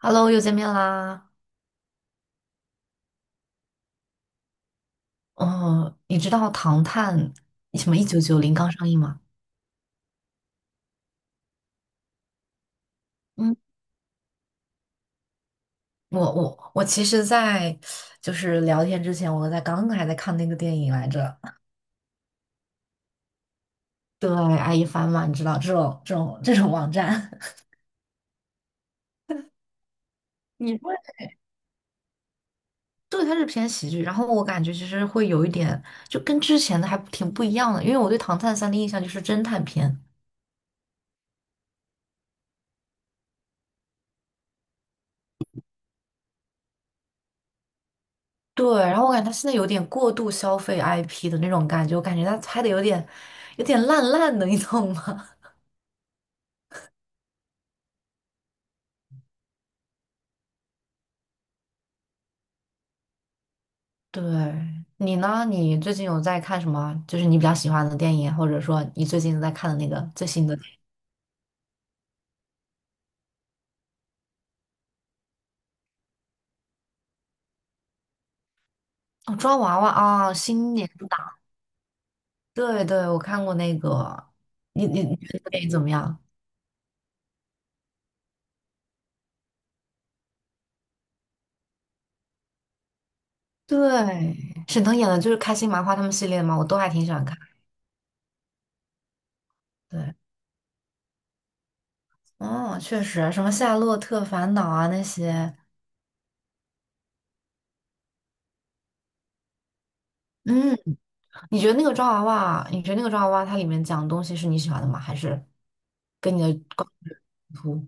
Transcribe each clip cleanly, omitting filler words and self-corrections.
Hello，又见面啦。哦，你知道《唐探》什么一九九零刚上映吗？嗯，我其实在，就是聊天之前，我在刚刚还在看那个电影来着。对，爱一帆嘛，你知道这种网站。你说对，它是偏喜剧。然后我感觉其实会有一点，就跟之前的还挺不一样的，因为我对《唐探三》的印象就是侦探片。对，然后我感觉他现在有点过度消费 IP 的那种感觉，我感觉他拍的有点烂烂的，你懂吗？对，你呢？你最近有在看什么？就是你比较喜欢的电影，或者说你最近在看的那个最新的电影哦，抓娃娃啊，新年档。对对，我看过那个。你觉得这个电影怎么样？对，沈腾演的就是开心麻花他们系列嘛，我都还挺喜欢看。对，哦，确实，什么《夏洛特烦恼》啊那些。嗯，你觉得那个抓娃娃，你觉得那个抓娃娃它里面讲的东西是你喜欢的吗？还是跟你的观点冲突？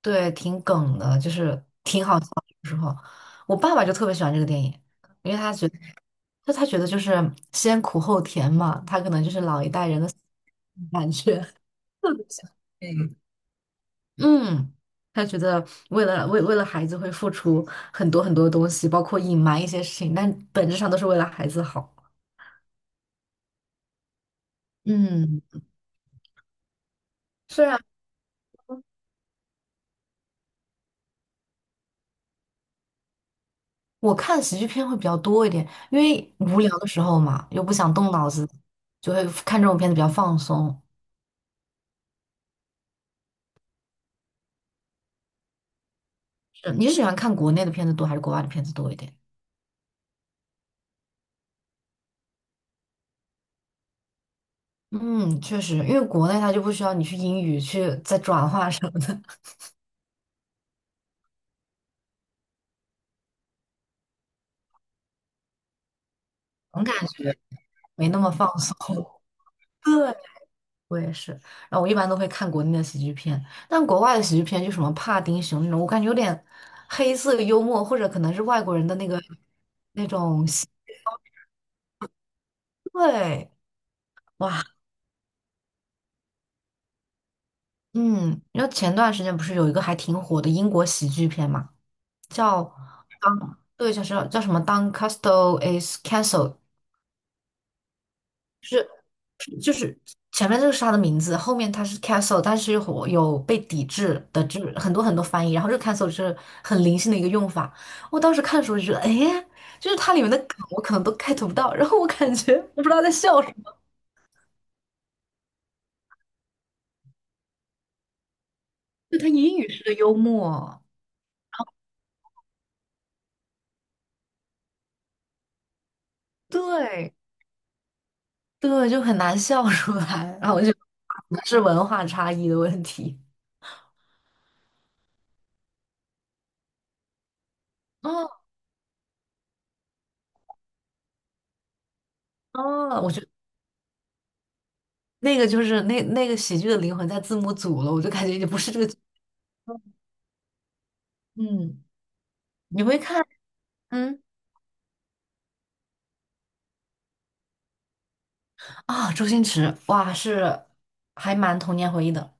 对，挺梗的，就是挺好笑的。有时候，我爸爸就特别喜欢这个电影，因为他觉得，就他觉得就是先苦后甜嘛，他可能就是老一代人的感觉。嗯，他觉得为了孩子会付出很多很多东西，包括隐瞒一些事情，但本质上都是为了孩子好。嗯，我看喜剧片会比较多一点，因为无聊的时候嘛，又不想动脑子，就会看这种片子比较放松。是你是喜欢看国内的片子多还是国外的片子多一点？嗯，确实，因为国内它就不需要你去英语去再转化什么的，总感觉没那么放松。对，我也是。然后我一般都会看国内的喜剧片，但国外的喜剧片就什么帕丁熊那种，我感觉有点黑色幽默，或者可能是外国人的那个那种喜对，哇，嗯，然后前段时间不是有一个还挺火的英国喜剧片嘛，叫当，对，叫什么《当 c a s t l e is c a n c e l l e 是就是前面这个是他的名字，后面他是 castle，但是有被抵制的，就是很多很多翻译。然后这个 castle 是很灵性的一个用法。我当时看的时候就觉得，哎，就是它里面的梗我可能都 get 不到，然后我感觉我不知道在笑什么，就他英语式的幽默，对对，就很难笑出来。然后我就觉得是文化差异的问题。哦哦，我觉得那个就是那个喜剧的灵魂在字幕组了，我就感觉也不是这个。嗯，你会看。嗯。啊，周星驰，哇，是还蛮童年回忆的。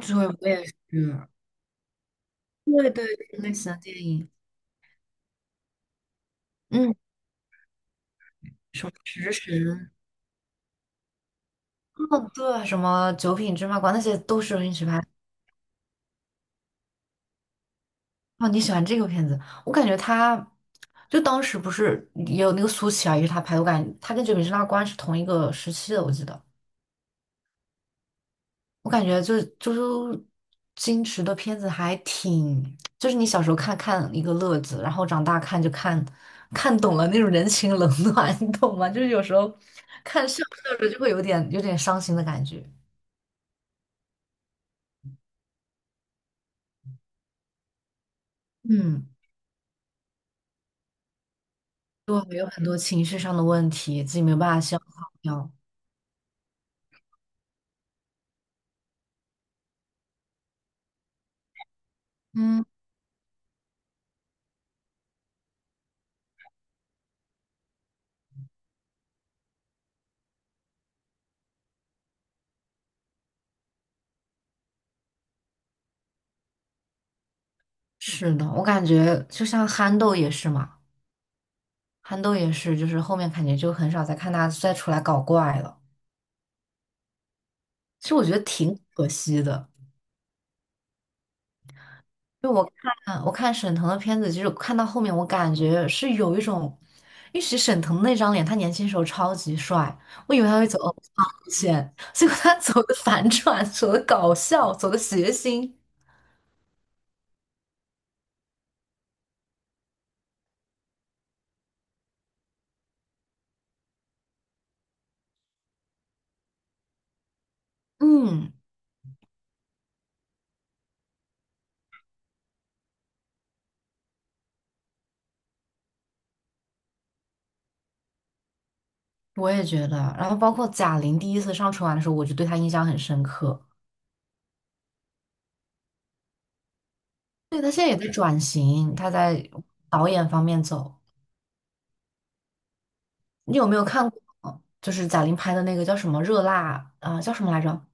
对，我也是，对对，是类似的电影。嗯，什么食神，嗯，对，什么九品芝麻官，那些都是周星驰拍的。哦，你喜欢这个片子？我感觉他，就当时不是也有那个苏乞儿也是他拍的，我感觉他跟九品芝麻官是同一个时期的，我记得。我感觉就是周星驰的片子还挺，就是你小时候看看一个乐子，然后长大看就看懂了那种人情冷暖，你懂吗？就是有时候看笑着笑着就会有点伤心的感觉。嗯，对，有很多情绪上的问题，自己没有办法消化掉。嗯，是的，我感觉就像憨豆也是嘛，憨豆也是，就是后面感觉就很少再看他再出来搞怪了。其实我觉得挺可惜的。就我看沈腾的片子，其实我看到后面，我感觉是有一种，因为其实沈腾那张脸，他年轻时候超级帅，我以为他会走欧巴路线，结果他走的反转，走的搞笑，走的谐星。嗯，我也觉得。然后包括贾玲第一次上春晚的时候，我就对她印象很深刻。对，她现在也在转型，她在导演方面走。你有没有看过，嗯就是贾玲拍的那个叫什么《热辣》啊、叫什么来着？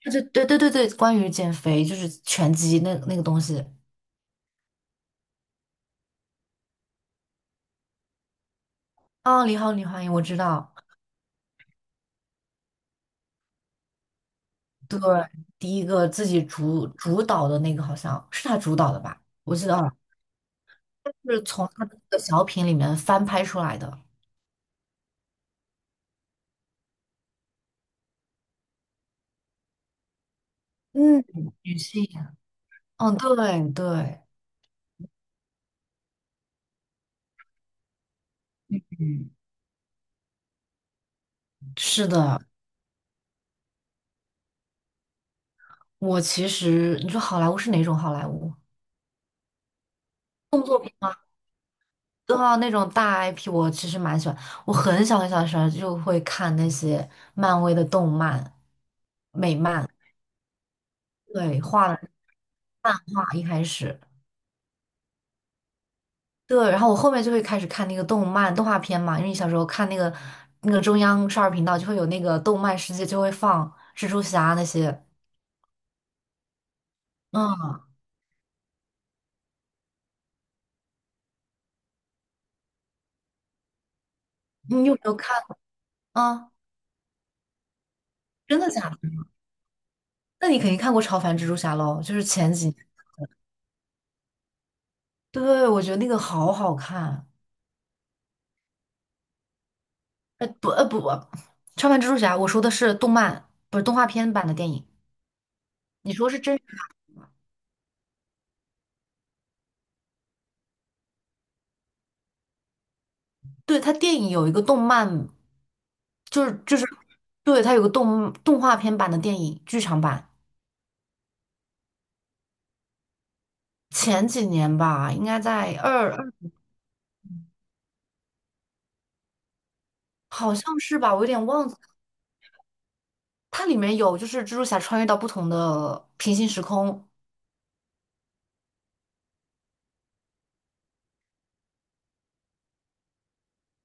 对对对对对，关于减肥就是拳击那个东西。啊。你好，李焕英，我知道。对，第一个自己主导的那个好像是他主导的吧？我记得啊，是从他的那个小品里面翻拍出来的。嗯，女性。嗯，对对，嗯，是的。我其实你说好莱坞是哪种好莱坞？动作片吗？对啊，那种大 IP 我其实蛮喜欢。我很小很小的时候就会看那些漫威的动漫、美漫。对，画的漫画一开始，对，然后我后面就会开始看那个动漫动画片嘛，因为你小时候看那个那个中央少儿频道就会有那个动漫世界就会放蜘蛛侠那些。嗯，你有没有看啊？真的假的？那你肯定看过超凡蜘蛛侠喽，就是前几年，对，我觉得那个好好看，呃不，超凡蜘蛛侠，我说的是动漫，不是动画片版的电影，你说是真。对，它电影有一个动漫，就是对，它有个动画片版的电影剧场版，前几年吧，应该在二二，好像是吧，我有点忘记。它里面有就是蜘蛛侠穿越到不同的平行时空。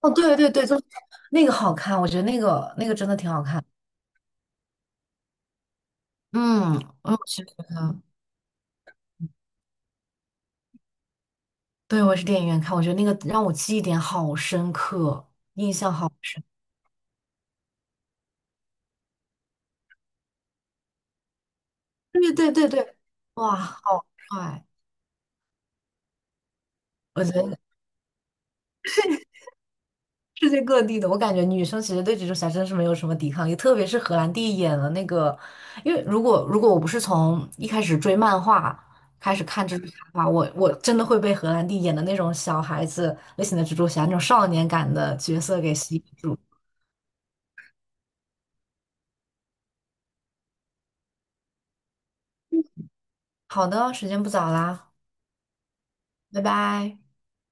哦，对对对，就是那个好看，我觉得那个真的挺好看。嗯，我是觉得，对，我也是电影院看，我觉得那个让我记忆点好深刻，印象好深。对对对对，哇，好帅！我觉得。世界各地的，我感觉女生其实对蜘蛛侠真的是没有什么抵抗力，特别是荷兰弟演的那个，因为如果我不是从一开始追漫画开始看蜘蛛侠的话，我真的会被荷兰弟演的那种小孩子类型的蜘蛛侠那种少年感的角色给吸引住。好的，时间不早啦，拜拜。